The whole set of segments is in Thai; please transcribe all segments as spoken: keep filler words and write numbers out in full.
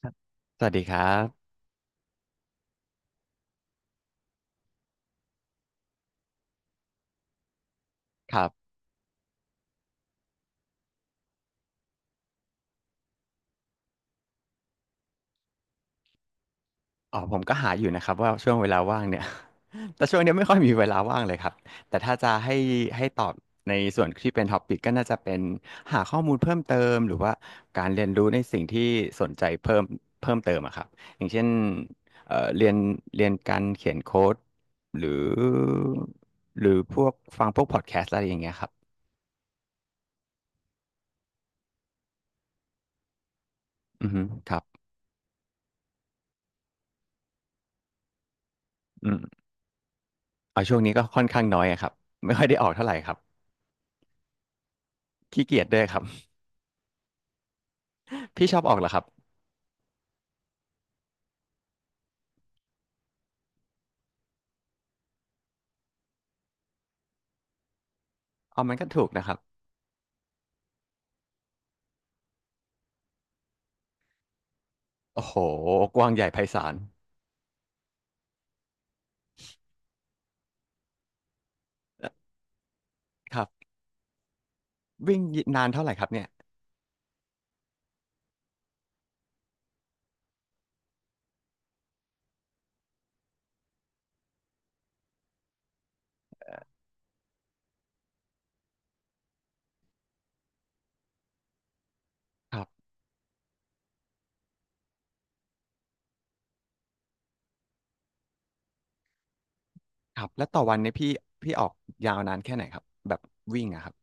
ครับสวัสดีครับครับอ๋อผมก็หาอยู่นะครับว่าช่วงเวลาว่างเนี่ย แต่ช่วงเนี้ยไม่ค่อยมีเวลาว่างเลยครับแต่ถ้าจะให้ให้ตอบในส่วนที่เป็นท็อปิกก็น่าจะเป็นหาข้อมูลเพิ่มเติมหรือว่าการเรียนรู้ในสิ่งที่สนใจเพิ่มเพิ่มเติมอะครับอย่างเช่นเอ่อเรียนเรียนการเขียนโค้ดหรือหรือพวกฟังพวกพอดแคสต์อะไรอย่างเงี้ยครับอือฮึครับอืมเอาช่วงนี้ก็ค่อนข้างน้อยอะครับไม่ค่อยได้ออกเท่าไหร่ครับขี้เกียจด้วยครับ พี่ชอบออกเหรอครับเอามันก็ถูกนะครับโอ้โหกว้างใหญ่ไพศาลเอ่อครับวิ่งนานเท่าไหร่ครับเนี่ยครับครับแล้วต่อวันเนี่ยพี่พี่ออกยาวนานแค่ไหนครับแบบวิ่งอะครับ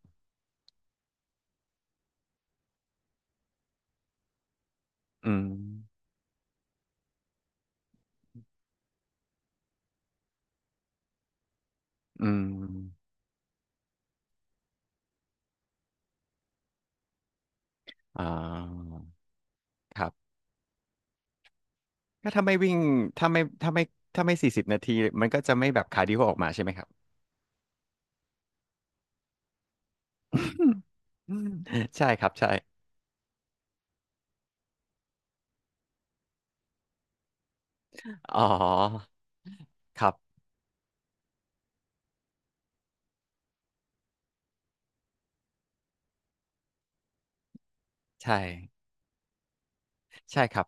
อืมอืมอ่าครับก็ถ้าไม่วิ่งถ้าไม่ถ้าไม่ถ้าไม่สี่สิบนาทีมันก็จะไม่แบบคาร์ดิโอออกมาใช่ไหมครับอืม ใช่ครับใช่อ๋อครับใช่ใช่ครับ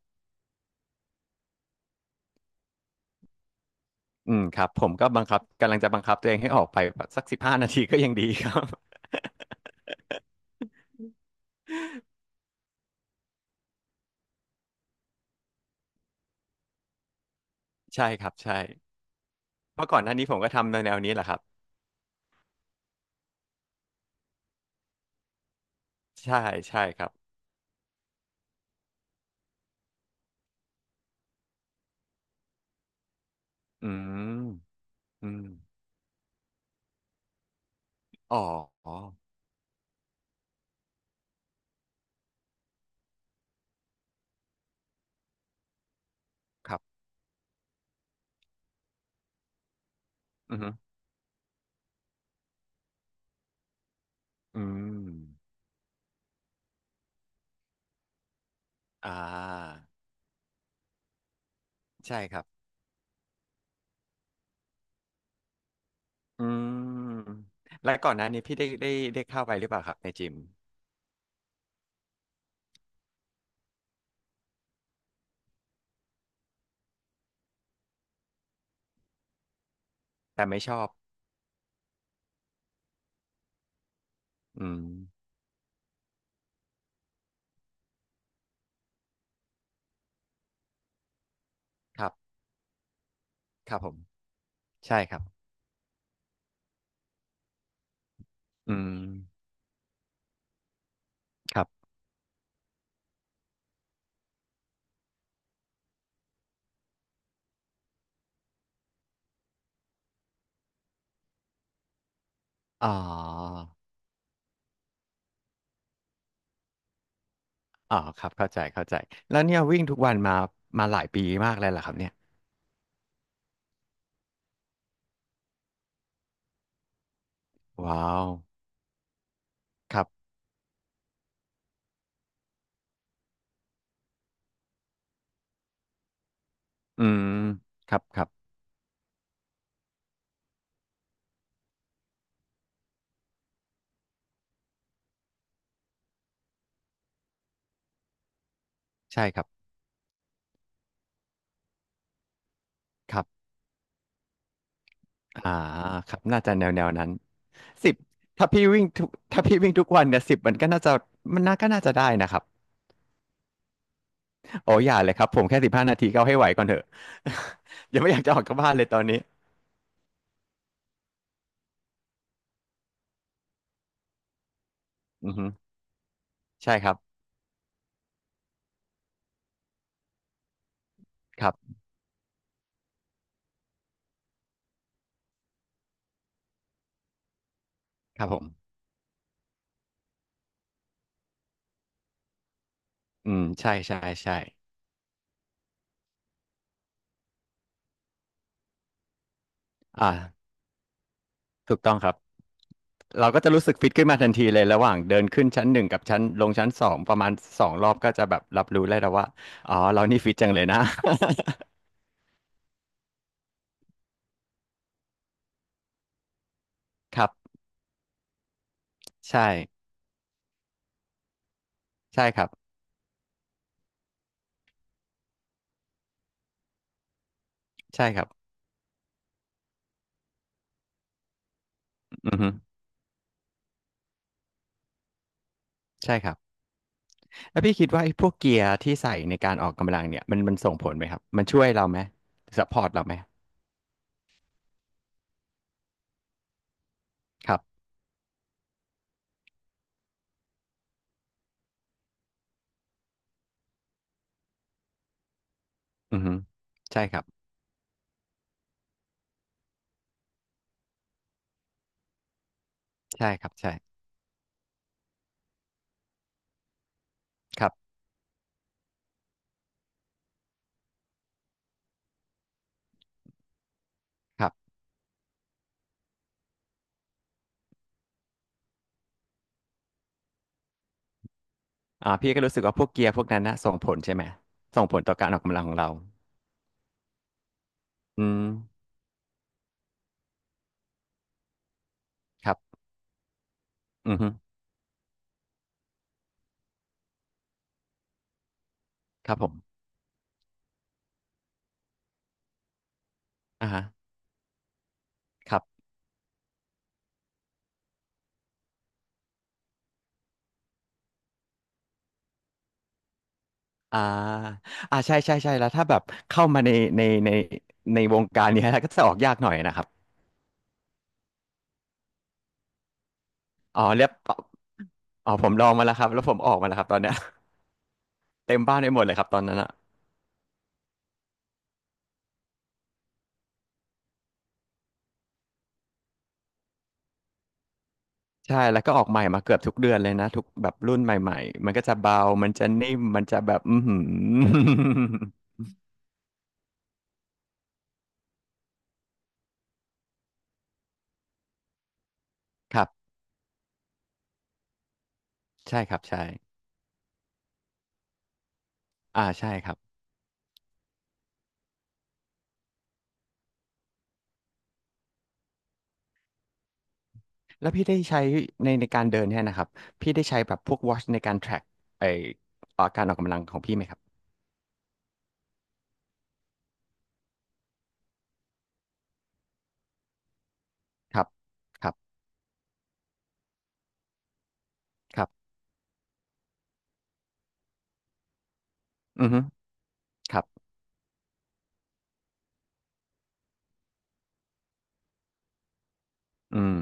อืมครับผมก็บังคับกำลังจะบังคับตัวเองให้ออกไปแบบสักสิบห้านาทีก็ยังดีครับ ใช่ครับใช่เพราะก่อนหน้านี้ผมก็ทำในแนวนี้แหละครับใช่ใช่ครับอืมอืมอ๋ออ๋อครับอือฮึอืมอ่าใช่ครับอืมและก่อนหน้านี้พี่ได้ได้ได้เข้าไปหรือเปล่าครับในจิมแต่ไม่ชอบอืมครับครับผมใช่ครับอืมครับอ๋ออ๋อครับเข้าใจเข้าใจแล้วเนี่ยวิ่งทุกวันมามาหลายปีมากแล้วเหรอครับเนี่ยว้าวครับอืมครับครับใช่ครับ ครับอ่าครับ น่าจะแนวแนวนั้นสิบถ้าพี่วิ่งทุกถ้าพี่วิ่งทุกวันเนี่ยสิบมันก็น่าจะมันน่าก็น่าจะได้นะครับโอ้อย่าเลยครับผมแค่สิบห้านาทีก็เอาให้ไหวก่อนเถอะ ยังไม่อยากจะออกจากบ้านเลยตอนนี้อือฮึใช่ครับ ครับครับผมอืมใช่ใช่ใช่อ่าถูกต้องครับ เราก็จะรู้สึกฟิตขึ้นมาทันทีเลยระหว่างเดินขึ้นชั้นหนึ่งกับชั้นลงชั้นสองประมาณสองรอบก็จะแบบรับรู้ได้แล้วว่าอ๋อเรานี่ฟิตจังเลยนะ ครับใช่ใช่ครับใช่ครับ อือฮึใช่ครับแล้วพี่คิดว่าไอ้พวกเกียร์ที่ใส่ในการออกกำลังเนี่ยมันมันส่งผลไหมครับ มันช่วยเราไหมซัพพอร์ตเราไหมครับอือฮึใช่ครับ ใช่ครับใช่ครับครับอ่าพี่ก็รู้สึกว่าพวกเกียร์พวกนั้นนะส่งผลใช่ไหมส่งผลต่อการออกกำลังของเราอืมครับอือฮึครับผมอ่าฮะครับอ่าอ่าใช่ใช่ใช่แล้วถ้าแบบเข้ามาในในในในวงการเนี้ยแล้วก็จะออกยากหน่อยนะครับอ๋อเรียบอ๋อผมลองมาแล้วครับแล้วผมออกมาแล้วครับตอนเนี้ย เต็มบ้านไปหมดเลยครับตอนนั้นอ่ะใช่แล้วก็ออกใหม่มาเกือบทุกเดือนเลยนะทุกแบบรุ่นใหม่ๆมันก็จะเบามันจะนิ่มมันจะแบบอือหือ ครับใช่ครับใช่อ่าใช่ครับแล้วพี่ได้ใช้ในในการเดินเนี่ยนะครับพี่ได้ใช้แบบพวก watch ในการ track ไออาการออกกำลังของพี่ไหมครับครับครับครับอือฮึครับอืม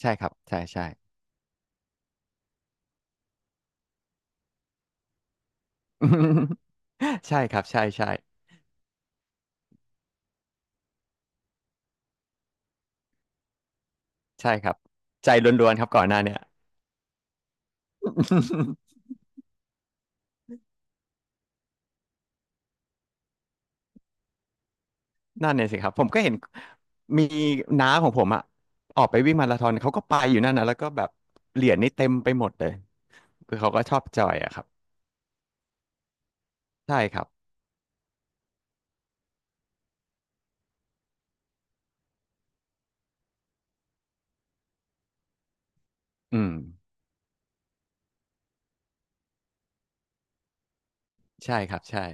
ใช่ครับใช่ใช่ ใช่ครับใช่ใช่ใช่ครับใจล้วนๆครับก่อนหน้าเนี่ย นั่นเนี่ยสิครับผมก็เห็นมีน้าของผมอะออกไปวิ่งมาราธอนเขาก็ไปอยู่นั่นนะแล้วก็แบบเหรียญนี่เต็มไปหมดเลยคือเขาก็ชอบจอยอะครับใช่ครับอืมใช่ครับใช่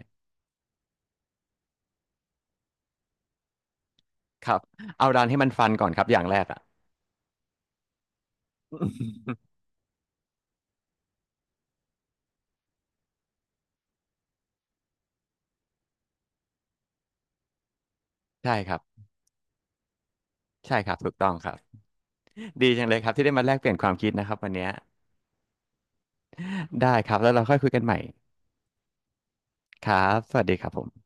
ครับเอาดันให้มันฟันก่อนครับอย่างแรกอะ ใช่ครับใช่ครับถูกต้องครับดีจังเลยครับที่ได้มาแลกเปลี่ยนความคิดนะครับวันเนี้ยได้ครับแล้วเราค่อยคุยกันใหม่ครับสวัสดีครับผม